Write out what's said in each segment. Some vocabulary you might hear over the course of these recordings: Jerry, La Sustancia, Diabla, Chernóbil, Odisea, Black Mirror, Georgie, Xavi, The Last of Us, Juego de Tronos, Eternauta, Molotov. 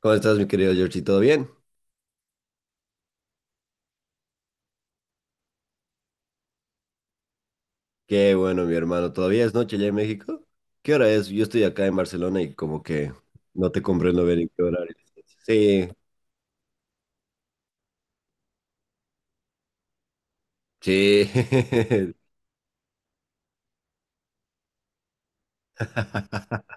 ¿Cómo estás, mi querido Georgie? ¿Todo bien? Qué bueno, mi hermano. ¿Todavía es noche allá en México? ¿Qué hora es? Yo estoy acá en Barcelona y como que no te comprendo bien en qué horario es. Sí, sí.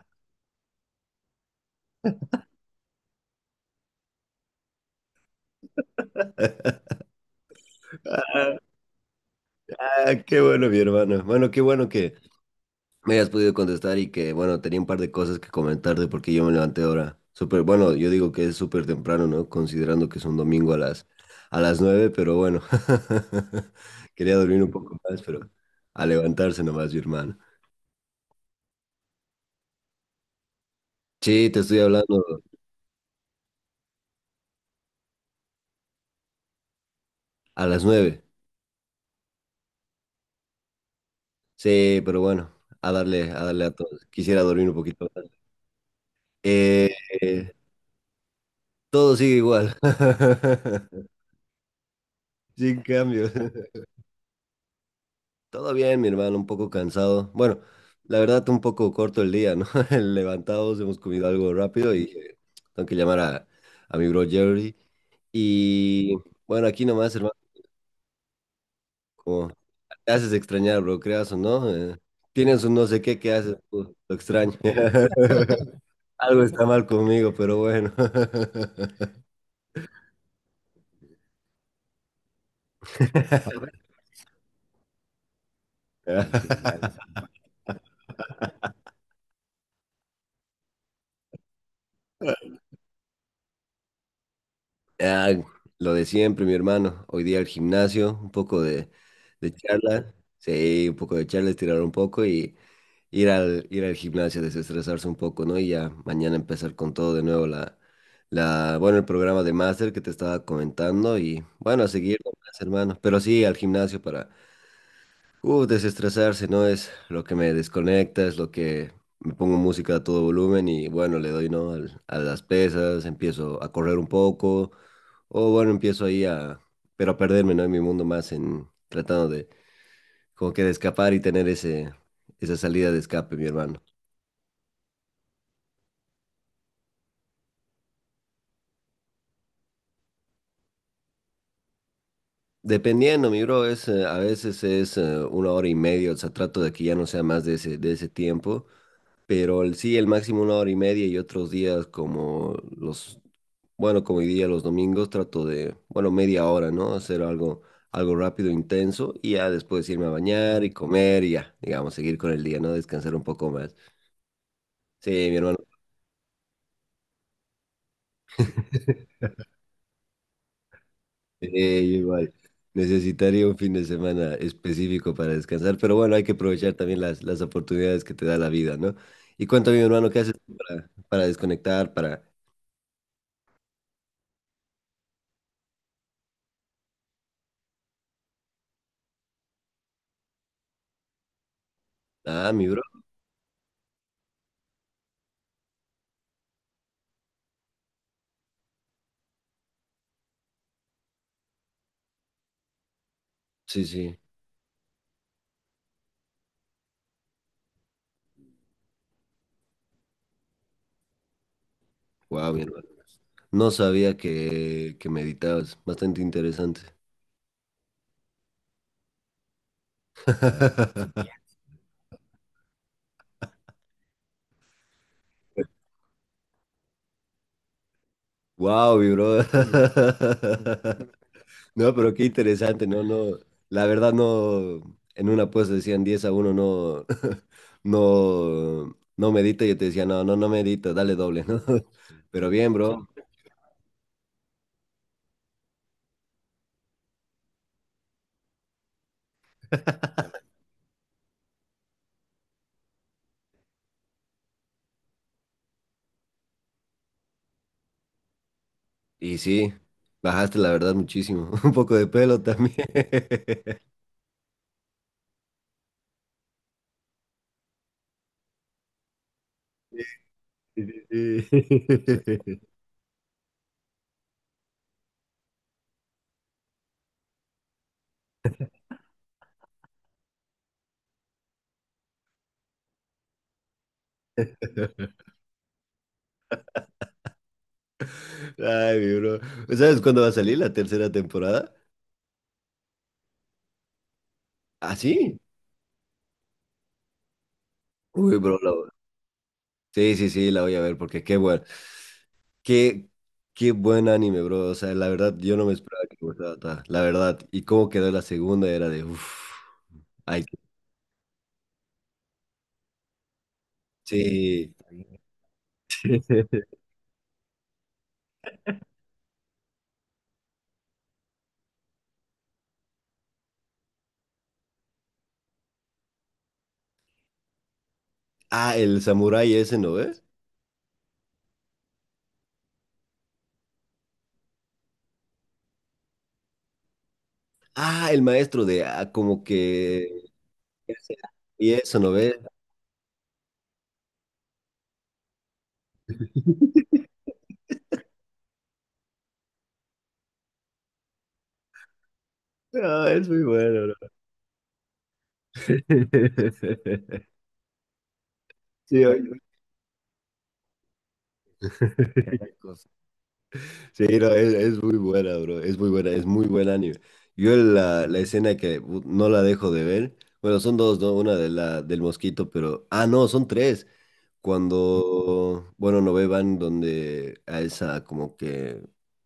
Ah, qué bueno, mi hermano. Bueno, qué bueno que me hayas podido contestar y que, bueno, tenía un par de cosas que comentarte porque yo me levanté ahora. Súper, bueno, yo digo que es súper temprano, ¿no? Considerando que es un domingo a las, 9, pero bueno. Quería dormir un poco más, pero a levantarse nomás, mi hermano. Sí, te estoy hablando a las 9. Sí, pero bueno, a darle a todos. Quisiera dormir un poquito más. Eh, eh, Todo sigue igual. Sin cambios. Todo bien, mi hermano, un poco cansado. Bueno, la verdad, un poco corto el día, ¿no? El levantados, hemos comido algo rápido y tengo que llamar a, mi bro Jerry. Y bueno, aquí nomás, hermano, como te haces extrañar, bro, creas o no. Tienes un no sé qué que haces, pues, lo extraño. Algo está mal conmigo, pero bueno. Ah, lo de siempre, mi hermano. Hoy día al gimnasio, un poco de charla. Sí, un poco de charla, estirar un poco y ir al gimnasio, desestresarse un poco, ¿no? Y ya mañana empezar con todo de nuevo la, bueno, el programa de máster que te estaba comentando y bueno, a seguir nomás, hermano. Pero sí, al gimnasio para, desestresarse, ¿no? Es lo que me desconecta, es lo que me pongo música a todo volumen y bueno, le doy, ¿no? A las pesas, empiezo a correr un poco o bueno, empiezo ahí a, pero a perderme, ¿no? En mi mundo más, en tratando de, como que de escapar y tener ese, esa salida de escape, mi hermano. Dependiendo, mi bro, a veces es una hora y media, o sea, trato de que ya no sea más de ese, tiempo, pero el, sí, el máximo una hora y media y otros días como los, bueno, como hoy día los domingos, trato de, bueno, media hora, ¿no? Hacer algo rápido, intenso, y ya después irme a bañar y comer y ya, digamos, seguir con el día, ¿no? Descansar un poco más. Sí, mi hermano. Igual. Necesitaría un fin de semana específico para descansar, pero bueno, hay que aprovechar también las, oportunidades que te da la vida, ¿no? Y cuéntame, mi hermano, ¿qué haces tú para, desconectar, para... Ah, mi bro. Sí, sí. Wow, mi hermano. No sabía que meditabas. Bastante interesante. Wow, mi bro. No, pero qué interesante, no, no. La verdad no, en una apuesta decían 10 a 1. No, no, no medita. Yo te decía, no, no, no medita, dale doble, ¿no? Pero bien, bro. Y sí, bajaste la verdad muchísimo. Un poco de pelo también. Sí, sí, sí. Ay, mi bro. ¿Sabes cuándo va a salir la tercera temporada? ¿Ah, sí? Uy, bro, sí, sí, sí, la voy a ver porque qué bueno. Qué, qué buen anime, bro. O sea, la verdad, yo no me esperaba que me gustara la verdad. Y cómo quedó la segunda era de uff. Ay, sí. Ah, el samurái ese, ¿no ves? Ah, el maestro de como que. Y eso, ¿no ves? Ah, es muy bueno, bro. Sí, oye. Sí, no, es muy buena, bro. Es muy buena, es muy buen anime. Yo la, escena que no la dejo de ver. Bueno, son dos, ¿no? Una de la, del mosquito, pero. Ah, no, son tres. Cuando, bueno, no van donde a esa, como que,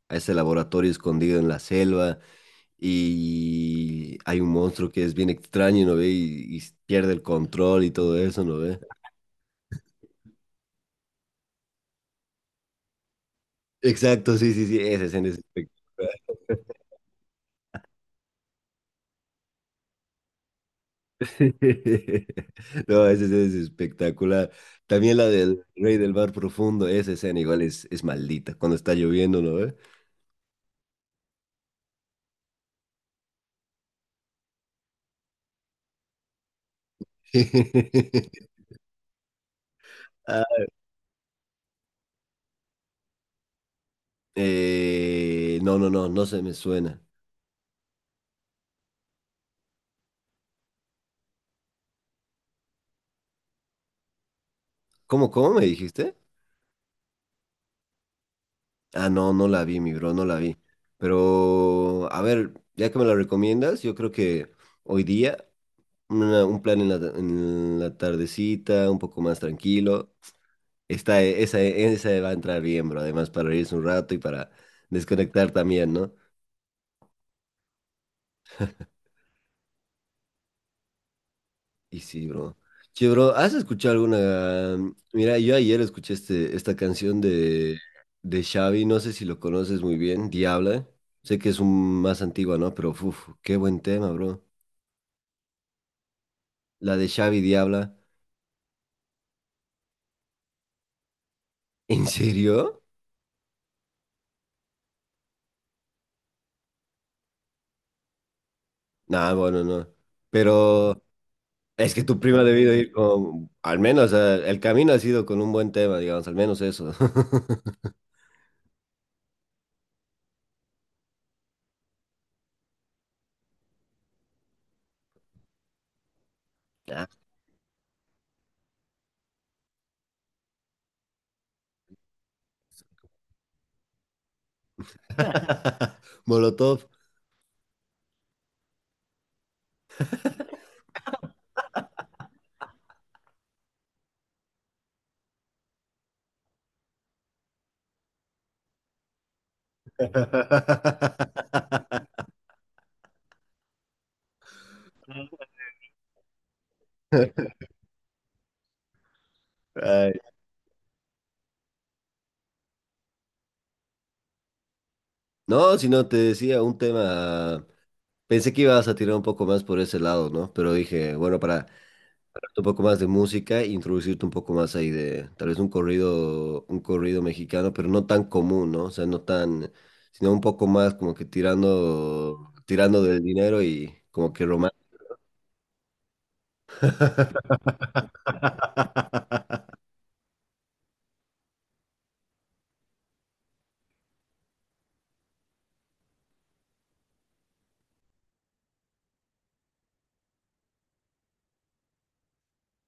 a ese laboratorio escondido en la selva y hay un monstruo que es bien extraño, ¿no ve? Y pierde el control y todo eso, ¿no ve? Exacto, sí, sí, sí, esa escena es espectacular. No, ese es espectacular. También la del Rey del Mar Profundo, esa escena igual es maldita cuando está lloviendo, ¿no ve? Ah, no, no, no, no se me suena. ¿Cómo me dijiste? Ah, no, no la vi, mi bro, no la vi. Pero, a ver, ya que me la recomiendas, yo creo que hoy día un plan en la, tardecita, un poco más tranquilo. Esa va a entrar bien, bro. Además, para reírse un rato y para desconectar también, ¿no? Y sí, bro. Che, bro, ¿has escuchado alguna? Mira, yo ayer escuché este, esta canción de Xavi, no sé si lo conoces muy bien, Diabla. Sé que es un más antigua, ¿no? Pero, uff, qué buen tema, bro. La de Xavi Diabla. ¿En serio? Nah, bueno, no. Pero es que tu prima ha debido ir con, al menos, el camino ha sido con un buen tema, digamos, al menos eso. Molotov. Ay, no, si no, te decía un tema. Pensé que ibas a tirar un poco más por ese lado, ¿no? Pero dije, bueno, para hablarte un poco más de música, introducirte un poco más ahí de tal vez un corrido mexicano, pero no tan común, ¿no? O sea, no tan, sino un poco más como que tirando del dinero y como que romántico.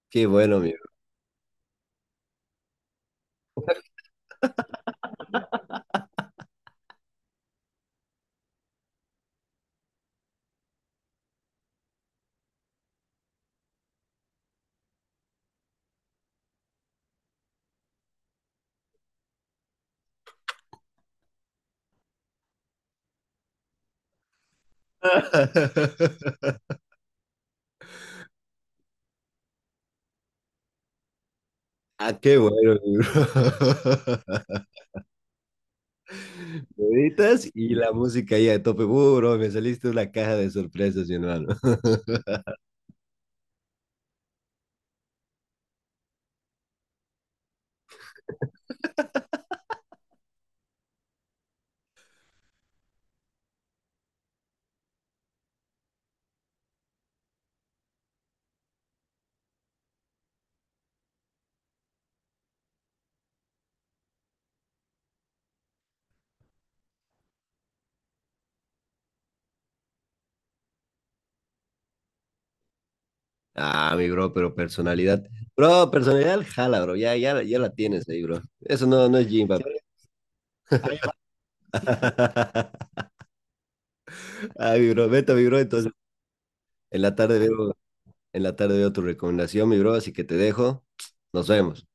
Qué bueno, amigo. Ah, qué bueno, mi bro. Meditas y la música ahí a tope. Bro, me saliste una caja de sorpresas, mi hermano. Ah, mi bro, pero personalidad. Bro, personalidad jala, bro. Ya, ya, ya la tienes ahí, bro. Eso no, no es gym, papá. Ah, mi bro, vete, mi bro. Entonces, en la tarde veo, en la tarde veo tu recomendación, mi bro, así que te dejo. Nos vemos.